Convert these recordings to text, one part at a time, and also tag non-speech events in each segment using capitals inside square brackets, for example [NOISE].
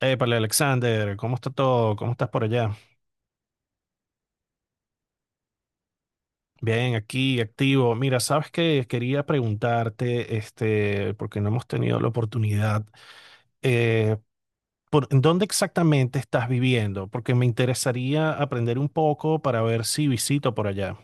Épale, Alexander, ¿cómo está todo? ¿Cómo estás por allá? Bien, aquí, activo. Mira, sabes que quería preguntarte, este, porque no hemos tenido la oportunidad, eh, por, ¿dónde exactamente estás viviendo? Porque me interesaría aprender un poco para ver si visito por allá.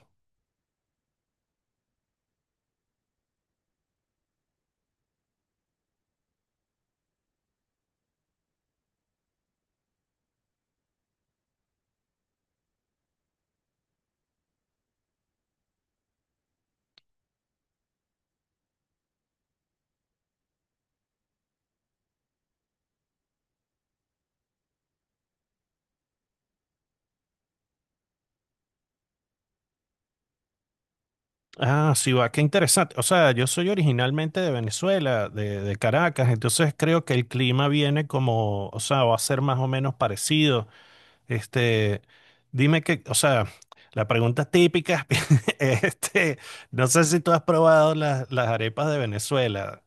Ah, sí, va, qué interesante. O sea, yo soy originalmente de Venezuela, de Caracas, entonces creo que el clima viene como, o sea, va a ser más o menos parecido. Este, dime que, o sea, la pregunta típica, [LAUGHS] este, no sé si tú has probado las arepas de Venezuela.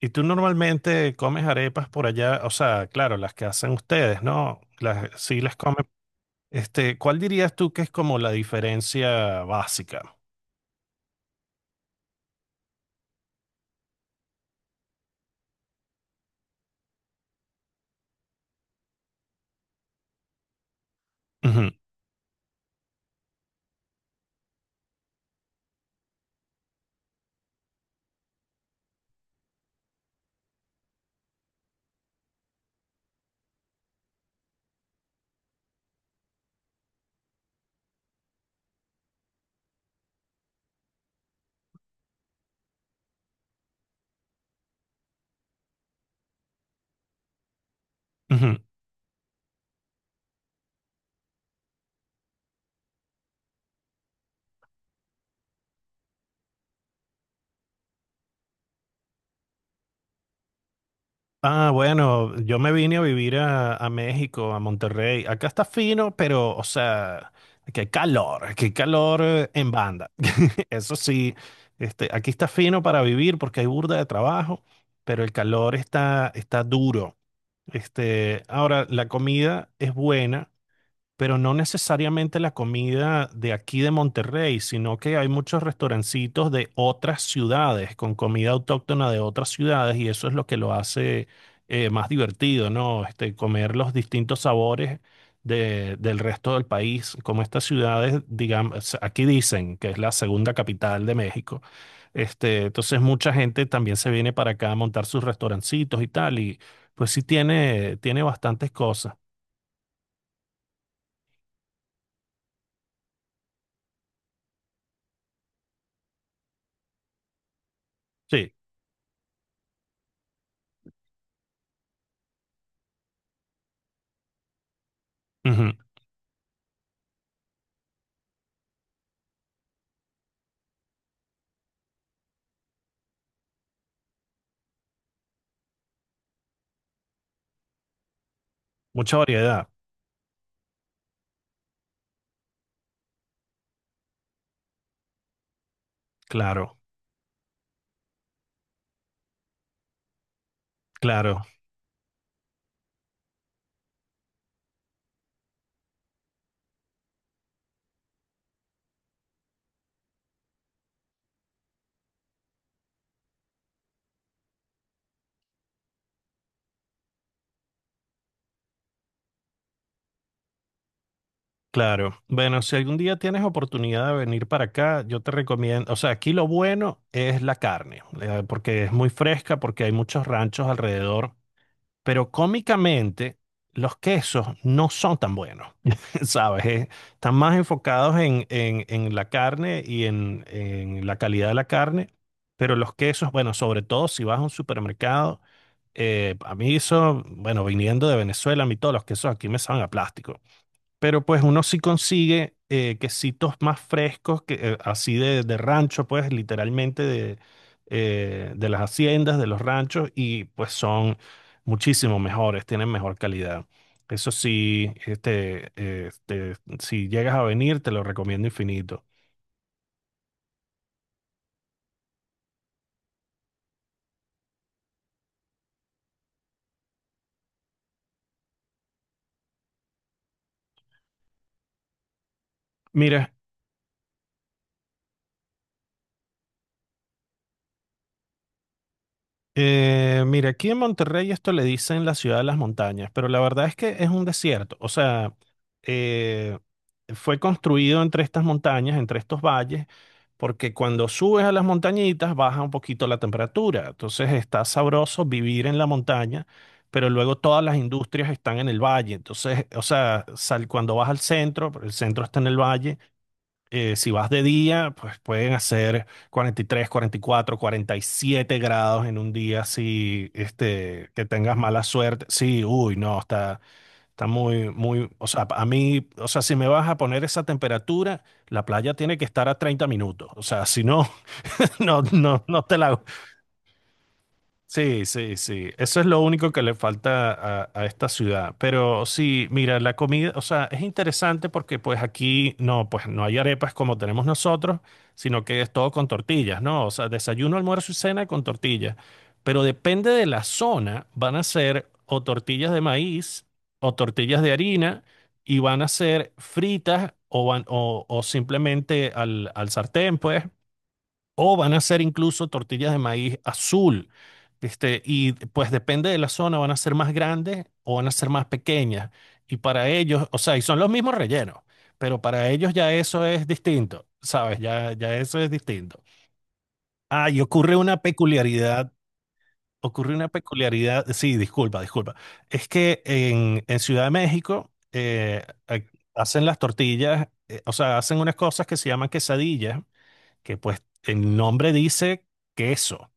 Y tú normalmente comes arepas por allá, o sea, claro, las que hacen ustedes, ¿no? Las, sí las comen. Este, ¿cuál dirías tú que es como la diferencia básica? Ujú, ujú. Ah, bueno, yo me vine a vivir a México, a Monterrey. Acá está fino, pero, o sea, qué calor en banda. [LAUGHS] Eso sí, este, aquí está fino para vivir porque hay burda de trabajo, pero el calor está duro. Este, ahora, la comida es buena pero no necesariamente la comida de aquí de Monterrey, sino que hay muchos restaurancitos de otras ciudades con comida autóctona de otras ciudades y eso es lo que lo hace más divertido, ¿no? Este, comer los distintos sabores del resto del país, como estas ciudades, digamos, aquí dicen que es la segunda capital de México. Este, entonces mucha gente también se viene para acá a montar sus restaurancitos y tal, y pues sí tiene bastantes cosas. Sí, ujú. Mucha variedad. Claro, claro, claro. Bueno, si algún día tienes oportunidad de venir para acá, yo te recomiendo, o sea, aquí lo bueno es la carne, porque es muy fresca, porque hay muchos ranchos alrededor, pero cómicamente los quesos no son tan buenos, [LAUGHS] ¿sabes? Están más enfocados en la carne y en la calidad de la carne, pero los quesos, bueno, sobre todo si vas a un supermercado, a mí eso, bueno, viniendo de Venezuela, a mí todos los quesos aquí me saben a plástico. Pero pues uno sí consigue quesitos más frescos, que, así de rancho, pues literalmente de las haciendas, de los ranchos, y pues son muchísimo mejores, tienen mejor calidad. Eso sí, este, si llegas a venir, te lo recomiendo infinito. Mira, mira, aquí en Monterrey esto le dicen la ciudad de las montañas, pero la verdad es que es un desierto. O sea, eh, fue construido entre estas montañas, entre estos valles, porque cuando subes a las montañitas baja un poquito la temperatura. Entonces está sabroso vivir en la montaña, pero luego todas las industrias están en el valle. Entonces, o sea, cuando vas al centro, el centro está en el valle si vas de día, pues pueden hacer cuarenta y tres, 44, 47 grados en un día si este, que tengas mala suerte. Sí, uy, no, está muy, muy, o sea, a mí, o sea, si me vas a poner esa temperatura, la playa tiene que estar a 30 minutos. O sea, si no, [LAUGHS] no, no, no te la. Sí, sí, sí. Eso es lo único que le falta a esta ciudad. Pero sí, mira, la comida, o sea, es interesante porque pues aquí no, pues no hay arepas como tenemos nosotros, sino que es todo con tortillas, ¿no? O sea, desayuno, almuerzo y cena con tortillas. Pero depende de la zona, van a ser o tortillas de maíz o tortillas de harina y van a ser fritas o simplemente al sartén, pues o van a ser incluso tortillas de maíz azul. Este, y pues depende de la zona, van a ser más grandes o van a ser más pequeñas. Y para ellos, o sea, y son los mismos rellenos, pero para ellos ya eso es distinto, ¿sabes? Ya eso es distinto. Ah, y ocurre una peculiaridad, sí, disculpa, disculpa. Es que en Ciudad de México hacen las tortillas, o sea, hacen unas cosas que se llaman quesadillas, que pues el nombre dice queso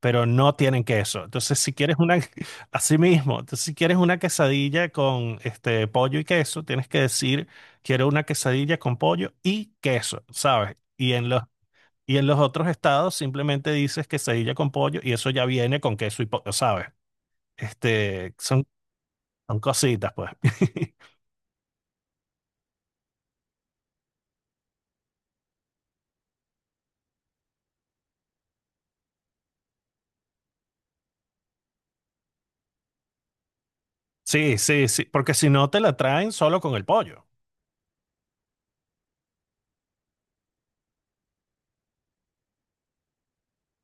pero no tienen queso. Entonces, si quieres una, [LAUGHS] así mismo, entonces, si quieres una quesadilla con este pollo y queso, tienes que decir, quiero una quesadilla con pollo y queso, ¿sabes? Y en los otros estados simplemente dices quesadilla con pollo y eso ya viene con queso y pollo, ¿sabes? Este, son cositas, pues. [LAUGHS] Sí, sí, sí, porque si no te la traen solo con el pollo,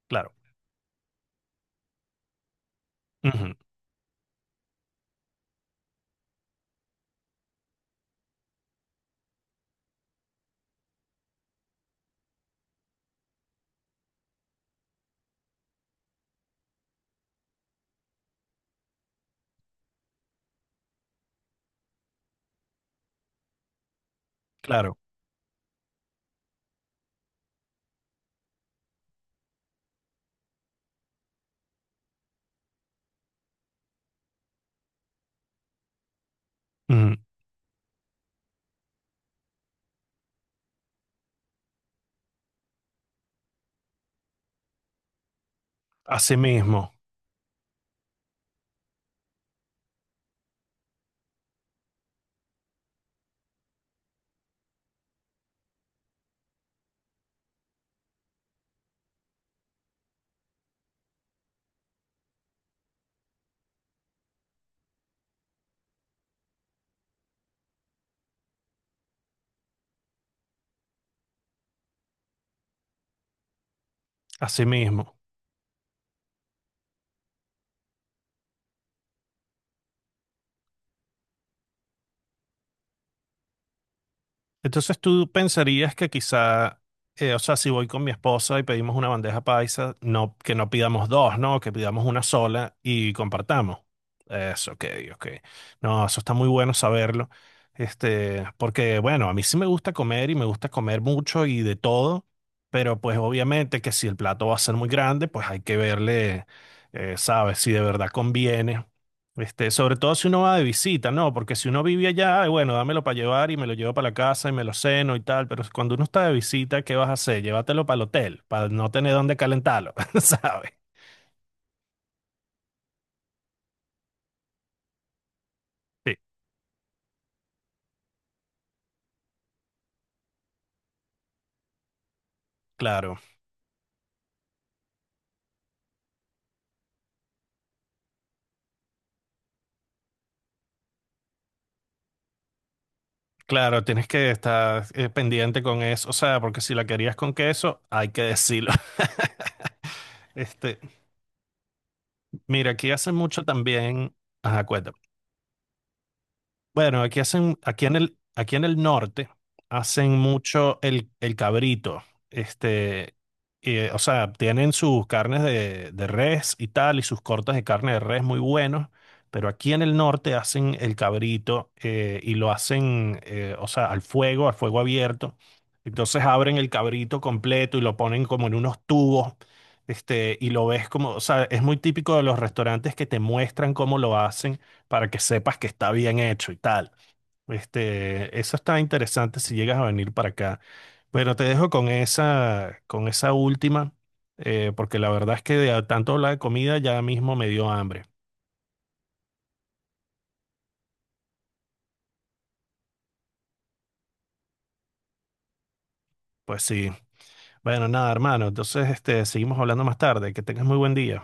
claro. Ujú, claro. Ujú, así mismo, así mismo. Entonces tú pensarías que quizá, o sea, si voy con mi esposa y pedimos una bandeja paisa, no, que no pidamos dos, ¿no? Que pidamos una sola y compartamos. Eso, ok, ok. No, eso está muy bueno saberlo. Este, porque bueno, a mí sí me gusta comer y me gusta comer mucho y de todo, pero pues obviamente que si el plato va a ser muy grande, pues hay que verle, ¿sabes? Si de verdad conviene este, sobre todo si uno va de visita, ¿no? Porque si uno vive allá, bueno, dámelo para llevar y me lo llevo para la casa y me lo ceno y tal, pero cuando uno está de visita, ¿qué vas a hacer? Llévatelo para el hotel, para no tener dónde calentarlo, [LAUGHS] ¿sabes? Sí, claro, claro, tienes que estar pendiente con eso, o sea, porque si la querías con queso, hay que decirlo. [LAUGHS] Este, mira, aquí hace mucho también, ajá, bueno, aquí en el norte hacen mucho el cabrito. Este, o sea, tienen sus carnes de res y tal, y sus cortes de carne de res muy buenos, pero aquí en el norte hacen el cabrito y lo hacen, o sea, al fuego abierto. Entonces abren el cabrito completo y lo ponen como en unos tubos. Este, y lo ves como, o sea, es muy típico de los restaurantes que te muestran cómo lo hacen para que sepas que está bien hecho y tal. Este, eso está interesante si llegas a venir para acá. Pero te dejo con esa última, porque la verdad es que tanto hablar de comida ya mismo me dio hambre. Pues sí. Bueno, nada, hermano. Entonces, este, seguimos hablando más tarde. Que tengas muy buen día.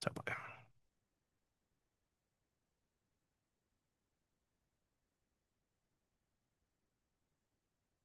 Chao, pues.